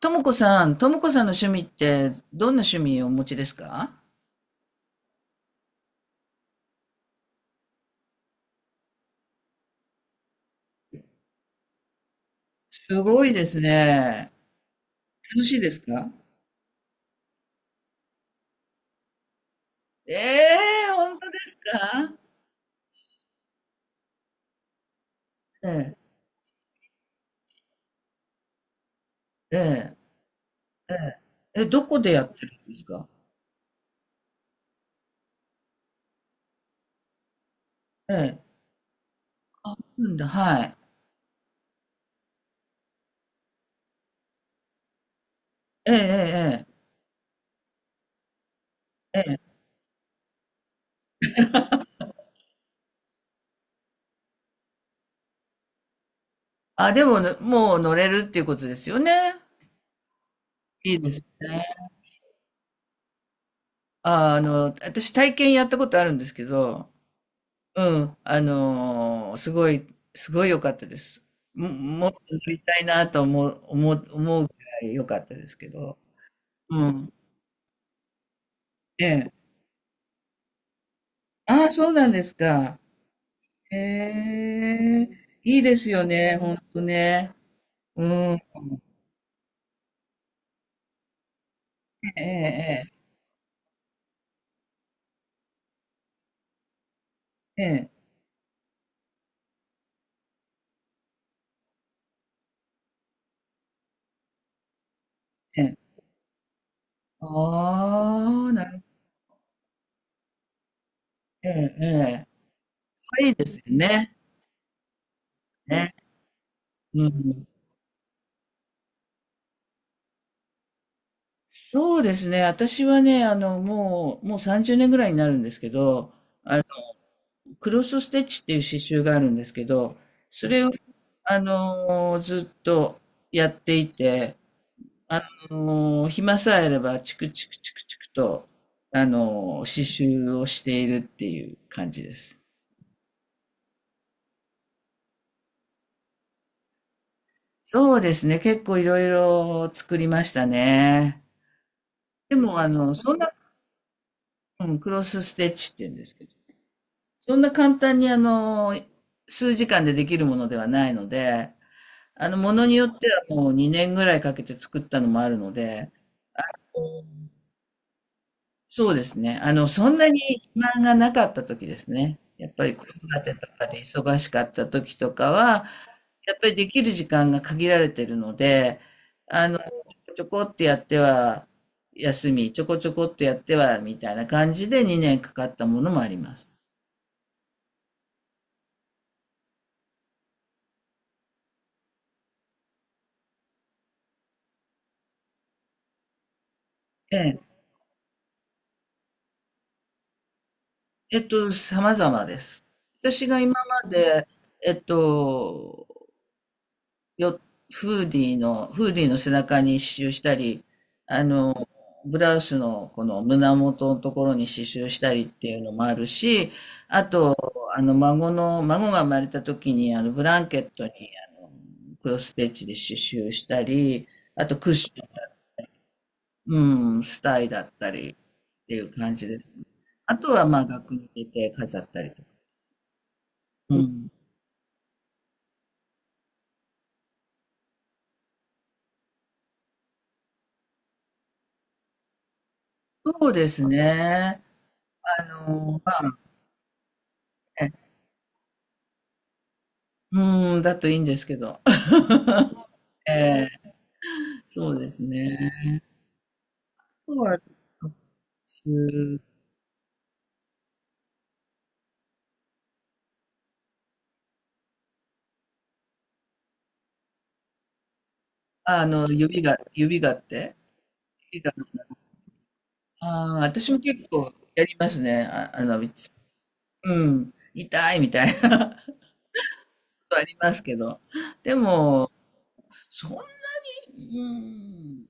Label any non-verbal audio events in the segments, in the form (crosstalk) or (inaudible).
ともこさん、ともこさんの趣味って、どんな趣味をお持ちですか？すごいですね。楽しいですか？ええー、本当ですか？ええ、ええ、ええ。え、どこでやってるんですか？ええ。あ、うんだ、はい。ええ、ええ、ええ。ええ、あ、でも、もう乗れるっていうことですよね。いいですね。ああの、私体験やったことあるんですけど、うん、すごい、すごい良かったです。も、もっと乗りたいなと思う、思う、思うくらい良かったですけど。うん。ええ。ああ、そうなんですか。へえ、いいですよね、ほんとね。うん。ええ、ええ、ええ、ええ。ああ、なる、ええ、ええ。かいいですよね。ね。うん。そうですね。私はね、もう30年ぐらいになるんですけど、クロスステッチっていう刺繍があるんですけど、それを、ずっとやっていて、あ暇さえあれば、チクチクチクチクと、刺繍をしているっていう感じです。そうですね。結構いろいろ作りましたね。でも、そんな、うん、クロスステッチって言うんですけど、そんな簡単に、数時間でできるものではないので、ものによってはもう2年ぐらいかけて作ったのもあるので、そうですね。そんなに暇がなかった時ですね。やっぱり子育てとかで忙しかった時とかは、やっぱりできる時間が限られてるので、ちょこちょこってやっては休み、ちょこちょこってやってはみたいな感じで2年かかったものもあります。ええ、様々です。私が今まで、えっと、よ、フーディーの背中に刺繍したり、あの、ブラウスのこの胸元のところに刺繍したりっていうのもあるし、あと、孫が生まれた時に、ブランケットに、あの、クロスステッチで刺繍したり、あとクッション、うん、スタイだったりっていう感じですね。あとは、まあ、額に入れて飾ったりとか。うん。そうですね。あまあ、えうん、だといいんですけど。(laughs) ええ、そうですね。そうはすあの、指が、指がって。指が、ああ、私も結構やりますね。あ、うん、痛いみたいな (laughs) ことありますけど。でも、そんなに、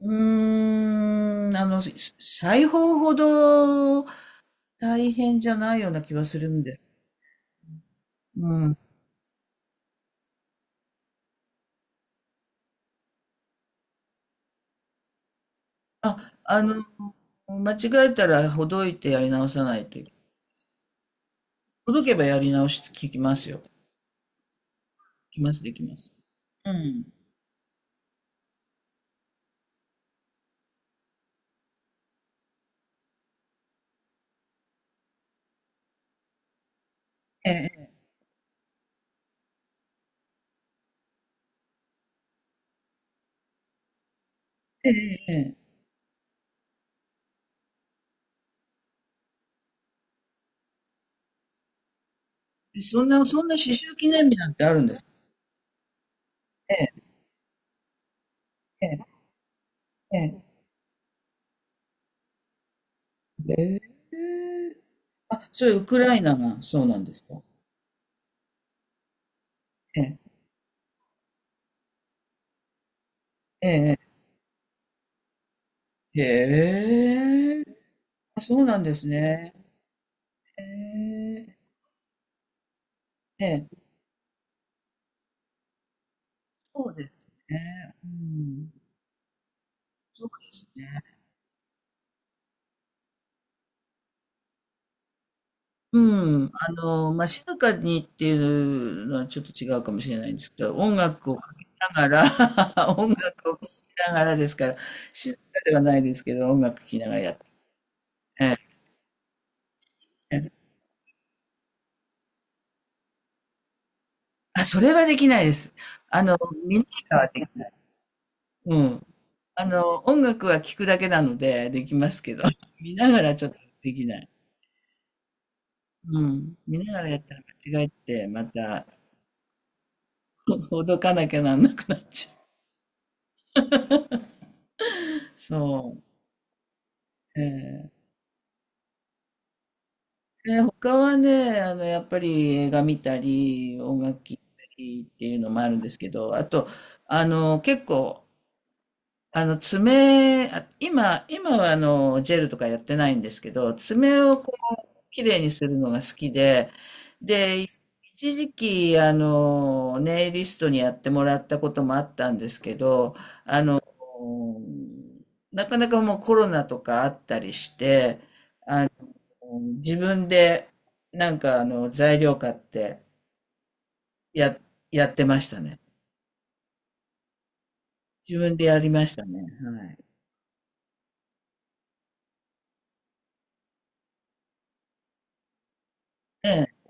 うん、うーん、し裁縫ほど大変じゃないような気はするんで。うん。あ、間違えたらほどいてやり直さないといけない。ほどけばやり直し聞きますよ。きます、できます。うん。ええ、ええ、ええ。ええ、そんな刺繍記念日なんてあるんです？ええ、ええ、ええ。ええ。あ、それウクライナがそうなんですか。ええ、ええ、ええ。へえ。あ、そうなんですね。へえ。ええ、そうですね。うん。そうですね。うん。まあ、静かにっていうのはちょっと違うかもしれないんですけど、音楽をかけながら (laughs) 音楽を聴きながらですから、静かではないですけど、音楽聴きながらやってるね。あ、それはできないです。あの、見ながらはできない。うん。音楽は聴くだけなのでできますけど、(laughs) 見ながらちょっとできない。うん。見ながらやったら間違えて、また、(laughs) ほどかなきゃなんなくなっちゃう。そう。ええ他はね、やっぱり映画見たり、音楽聴いたりっていうのもあるんですけど、あと、結構、爪、あ今、今はジェルとかやってないんですけど、爪をこう、綺麗にするのが好きで、で、一時期、ネイリストにやってもらったこともあったんですけど、うんなかなかもうコロナとかあったりして、うん自分で、なんか材料買って、や、やってましたね。自分でやりましたね。はい。ええ、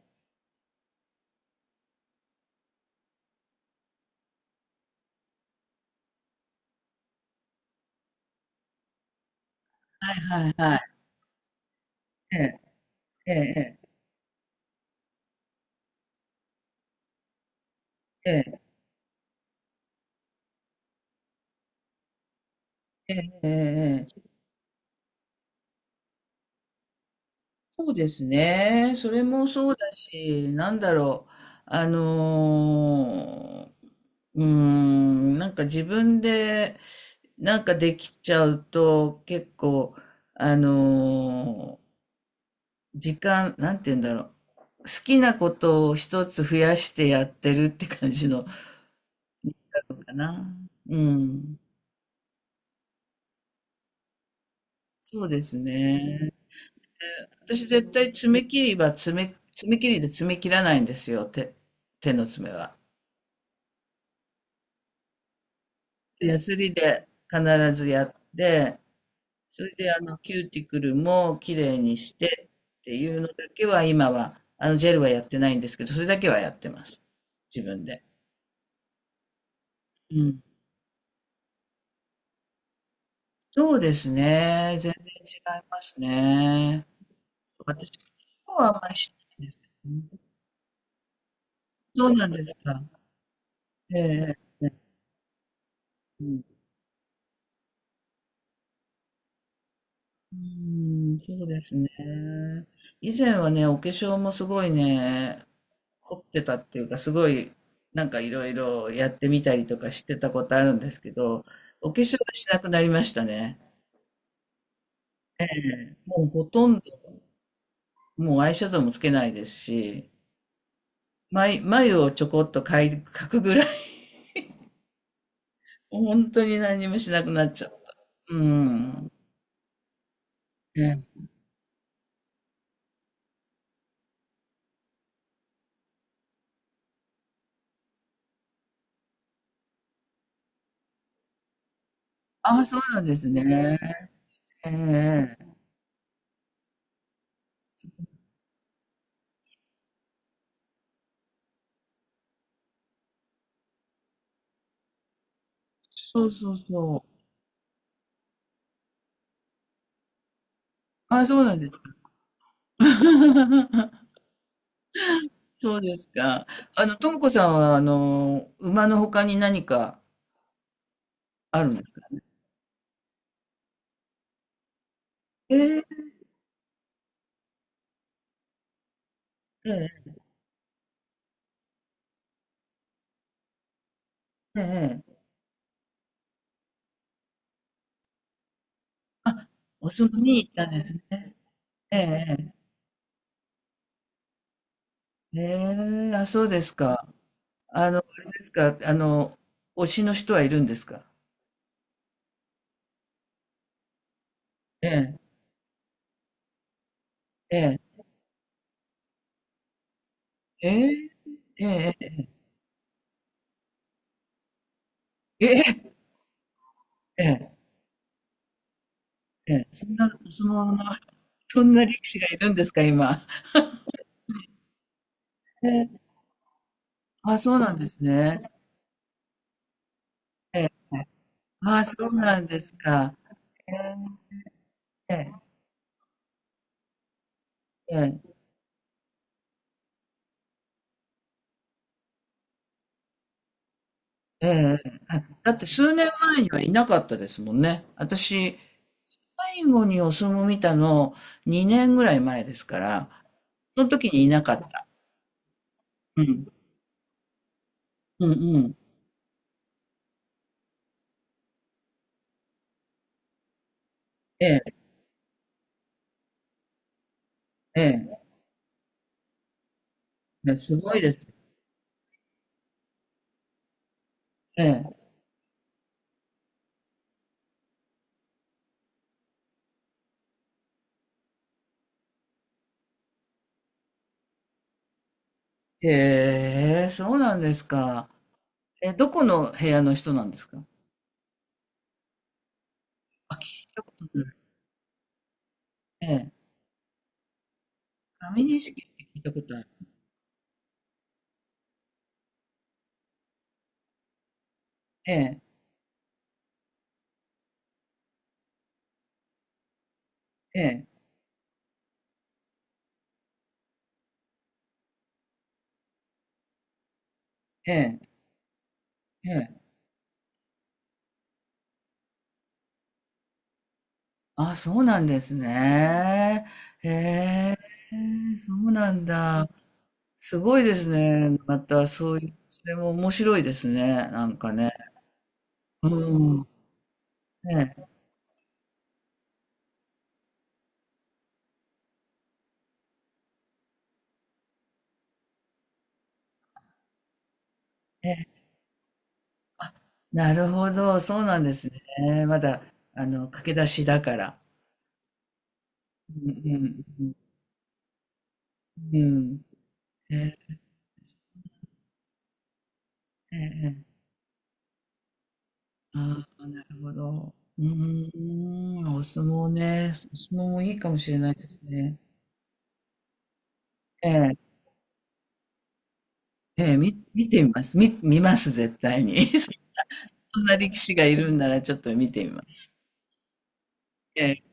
はい。ええ、ええ、ええ、ええ、ええ、そうですね。それもそうだし、なんだろう。あのーうーん、なんか自分で、なんかできちゃうと、結構、あのー時間、なんて言うんだろう。好きなことを一つ増やしてやってるって感じの、かな。うん。そうですね。私絶対爪切りは爪、爪切りで爪切らないんですよ、手、手の爪は。ヤスリで必ずやって、それでキューティクルも綺麗にしてっていうのだけは今は、ジェルはやってないんですけど、それだけはやってます。自分で。うん。そうですね。全然違いますね。私の方はあんまりしないですけどね。そうなんですか。ええ、ええ、うん。うーん、そうですね。以前はね、お化粧もすごいね、凝ってたっていうか、すごい、なんかいろいろやってみたりとかしてたことあるんですけど、お化粧はしなくなりましたね。もうほとんど、もうアイシャドウもつけないですし、眉をちょこっと描くぐらい本当に何にもしなくなっちゃった。うん。ええ。ああ、そうなんですね。ええええ。そうそうそう。ああ、そうなんですか。(laughs) そうですか。ともこさんは、馬の他に何かあるんですか？ええ、ええええええ。あ、お相撲に行ったんですね。ええええ。ええ、あ、そうですか。あれですか、推しの人はいるんですか？ええ、ええ、ええ、えええ、ええ、ええ。ええ、そんなお相撲のまま、そんな力士がいるんですか、今？ええ、あ、そうなんですね。ええ、あ、そうなんですか。ええ、ええ、ええ、ええあだって数年前にはいなかったですもんね。私、最後にお相撲見たの2年ぐらい前ですから、その時にいなかった。うん、うん、うん。ええ、ええ、ええすごいですね。ええ、へえそうなんですか。え、どこの部屋の人なんですかあ、聞いたことない。ええ。神錦って聞いたことある。ええ、ええ、ええ、ええ。あ、そうなんですね。へえ、そうなんだ。すごいですね。また、そういう、それも面白いですね。なんかね。うん。ええ、ええ。あ、なるほど。そうなんですね。まだ、駆け出しだから。うん、うん、うん。うん。ええ、ええ。ああ、なるほど。うーん、お相撲ね。お相撲もいいかもしれないですね。ええ、ええ、見てみます。見ます、絶対に。(laughs) そんな力士がいるんならちょっと見てみます。ええ